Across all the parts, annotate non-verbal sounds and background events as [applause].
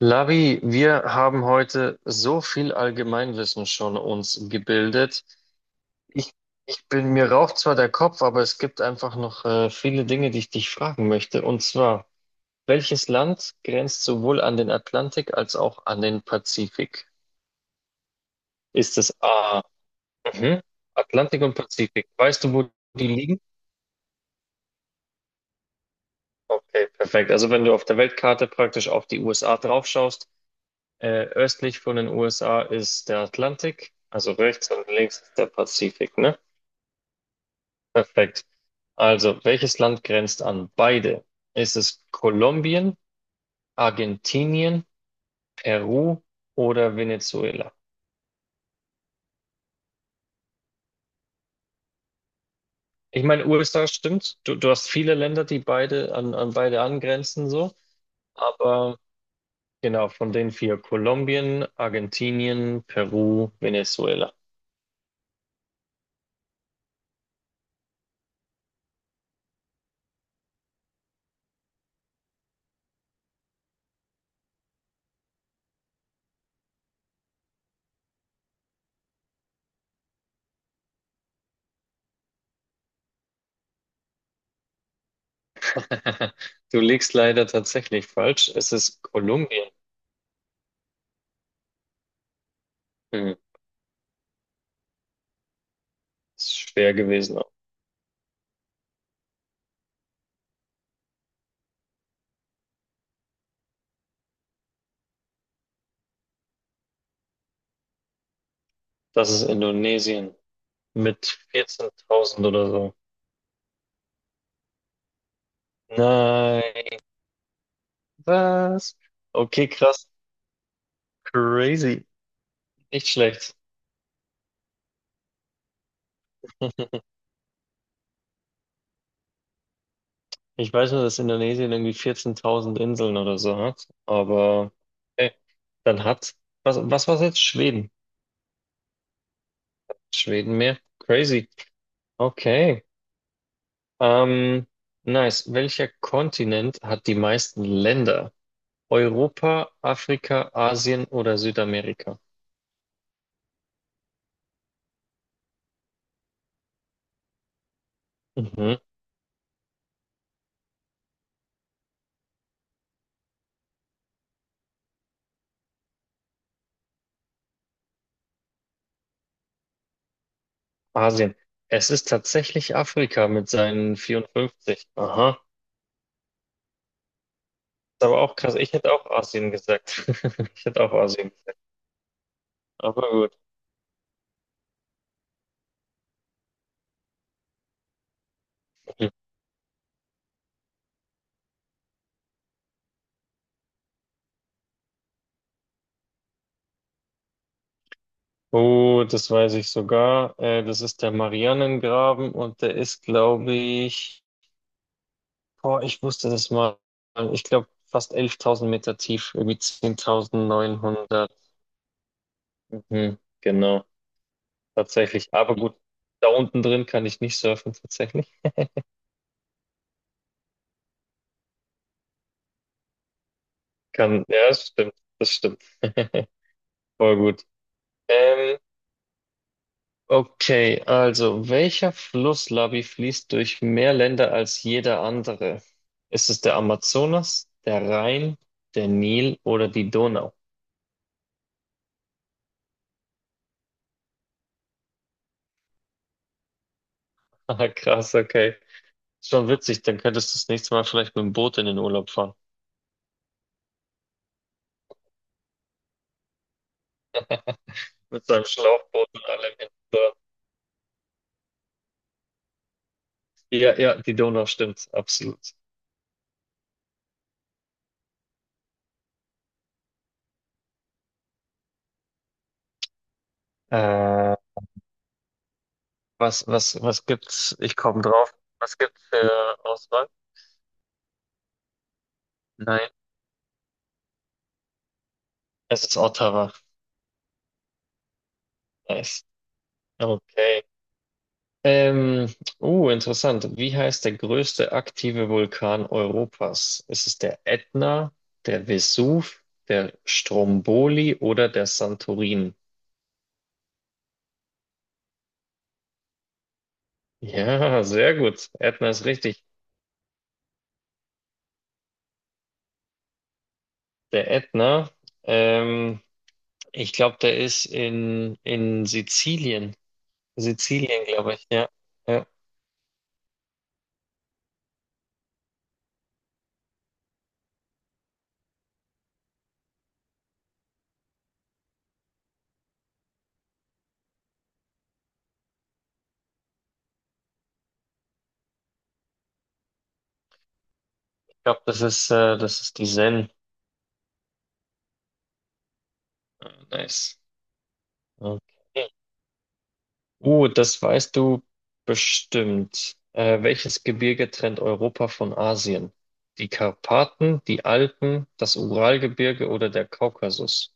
Lavi, wir haben heute so viel Allgemeinwissen schon uns gebildet. Ich, ich bin, mir raucht zwar der Kopf, aber es gibt einfach noch viele Dinge, die ich dich fragen möchte. Und zwar, welches Land grenzt sowohl an den Atlantik als auch an den Pazifik? Ist es A, mhm, Atlantik und Pazifik? Weißt du, wo die liegen? Okay, perfekt. Also wenn du auf der Weltkarte praktisch auf die USA draufschaust. Östlich von den USA ist der Atlantik, also rechts und links ist der Pazifik, ne? Perfekt. Also, welches Land grenzt an beide? Ist es Kolumbien, Argentinien, Peru oder Venezuela? Ich meine, USA stimmt. Du hast viele Länder, die beide an beide angrenzen, so. Aber genau, von den vier, Kolumbien, Argentinien, Peru, Venezuela. [laughs] Du liegst leider tatsächlich falsch. Es ist Kolumbien. Hm. Ist schwer gewesen. Das ist Indonesien mit 14.000 oder so. Nein, was? Okay, krass. Crazy. Nicht schlecht. Ich weiß nur, dass Indonesien irgendwie 14.000 Inseln oder so hat, aber okay. Dann hat, was war es jetzt? Schweden. Schweden mehr. Crazy. Okay. Ähm, nice. Welcher Kontinent hat die meisten Länder? Europa, Afrika, Asien oder Südamerika? Mhm. Asien. Es ist tatsächlich Afrika mit seinen 54. Aha. Ist aber auch krass. Ich hätte auch Asien gesagt. [laughs] Ich hätte auch Asien. Aber gut. Oh, das weiß ich sogar. Das ist der Marianengraben und der ist, glaube ich, boah, ich wusste das mal. Ich glaube, fast 11.000 Meter tief. Irgendwie 10.900. Mhm, genau. Tatsächlich. Aber gut. Da unten drin kann ich nicht surfen, tatsächlich. Kann, ja, das stimmt. Das stimmt. [laughs] Voll gut. Ähm, okay, also welcher Fluss, Labi, fließt durch mehr Länder als jeder andere? Ist es der Amazonas, der Rhein, der Nil oder die Donau? [laughs] Ah, krass, okay. Schon witzig, dann könntest du das nächste Mal vielleicht mit dem Boot in den Urlaub fahren. Mit seinem Schlauchboot und allem hinten dran. Ja, ja, die Donau stimmt, absolut. Äh, was gibt's? Ich komme drauf. Was gibt's für Auswahl? Nein, es ist Ottawa. Nice. Okay. Ähm, interessant. Wie heißt der größte aktive Vulkan Europas? Ist es der Ätna, der Vesuv, der Stromboli oder der Santorin? Ja, sehr gut. Ätna ist richtig. Der Ätna, ähm, ich glaube, der ist in Sizilien. Sizilien, glaube ich, ja. Ja, ich glaube, das ist die Sen. Ah, nice. Okay. Das weißt du bestimmt. Welches Gebirge trennt Europa von Asien? Die Karpaten, die Alpen, das Uralgebirge oder der Kaukasus?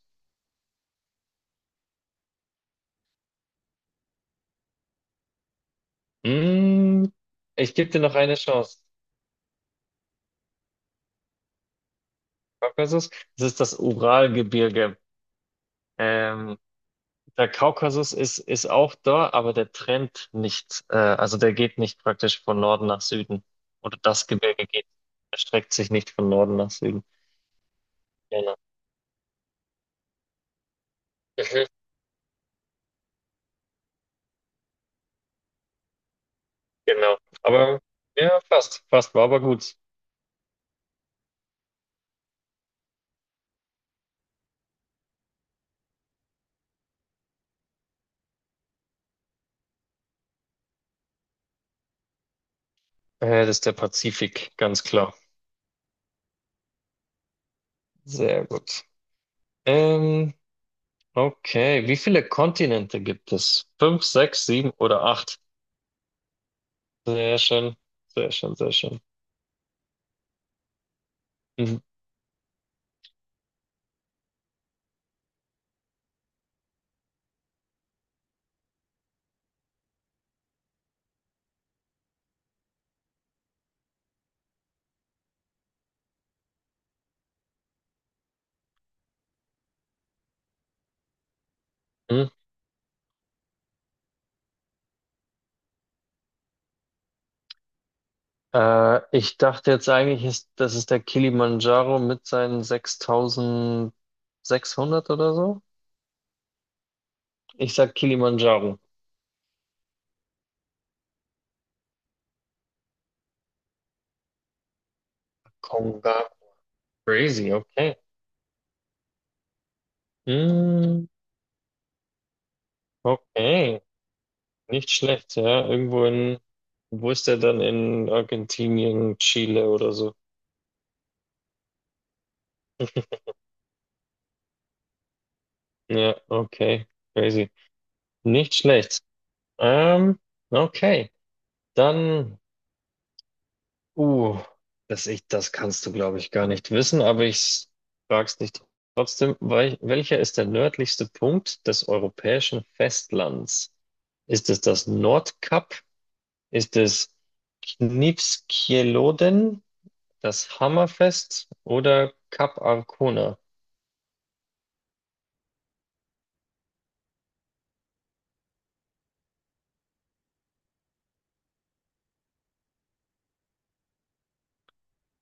Mm, ich gebe dir noch eine Chance. Kaukasus, das ist das Uralgebirge. Ähm, der Kaukasus ist auch da, aber der trennt nicht. Also der geht nicht praktisch von Norden nach Süden. Oder das Gebirge erstreckt sich nicht von Norden nach Süden. Genau. Genau. Aber ja, fast, fast war aber gut. Das ist der Pazifik, ganz klar. Sehr gut. Ähm, okay, wie viele Kontinente gibt es? Fünf, sechs, sieben oder acht? Sehr schön, sehr schön, sehr schön. Mhm. Mhm. Ich dachte jetzt eigentlich, das ist der Kilimanjaro mit seinen 6.600 oder so. Ich sag Kilimanjaro. Konga. Crazy, okay. Mhm. Okay. Nicht schlecht, ja. Irgendwo wo ist der dann in Argentinien, Chile oder so? Ja, okay. Crazy. Nicht schlecht. Ähm, okay. Dann, uh, das kannst du, glaube ich, gar nicht wissen, aber ich frag's dich trotzdem. Welcher ist der nördlichste Punkt des europäischen Festlands? Ist es das Nordkap? Ist es Knivskjelodden? Das Hammerfest oder Cap Arcona?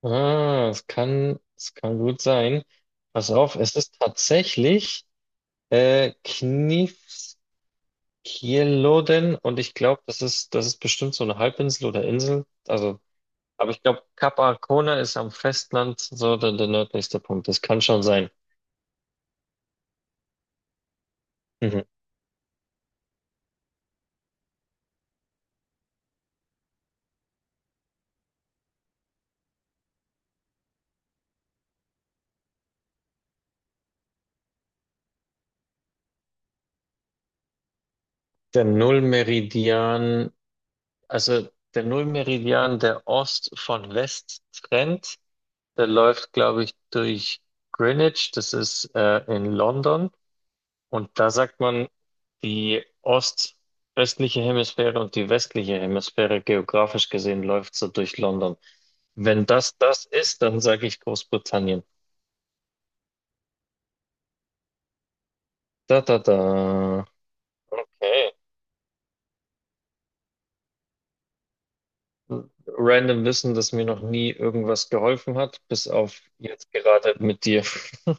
Ah, es kann gut sein. Pass auf, es ist tatsächlich Knifskjelodden und ich glaube, das ist bestimmt so eine Halbinsel oder Insel. Also, aber ich glaube, Kap Arkona ist am Festland so der nördlichste Punkt. Das kann schon sein. Mhm. Der Nullmeridian, also der Nullmeridian, der Ost von West trennt. Der läuft, glaube ich, durch Greenwich, das ist in London. Und da sagt man, die Ost östliche Hemisphäre und die westliche Hemisphäre geografisch gesehen läuft so durch London. Wenn das das ist, dann sage ich Großbritannien. Da, da, da. Okay. Random Wissen, das mir noch nie irgendwas geholfen hat, bis auf jetzt gerade mit dir. [laughs]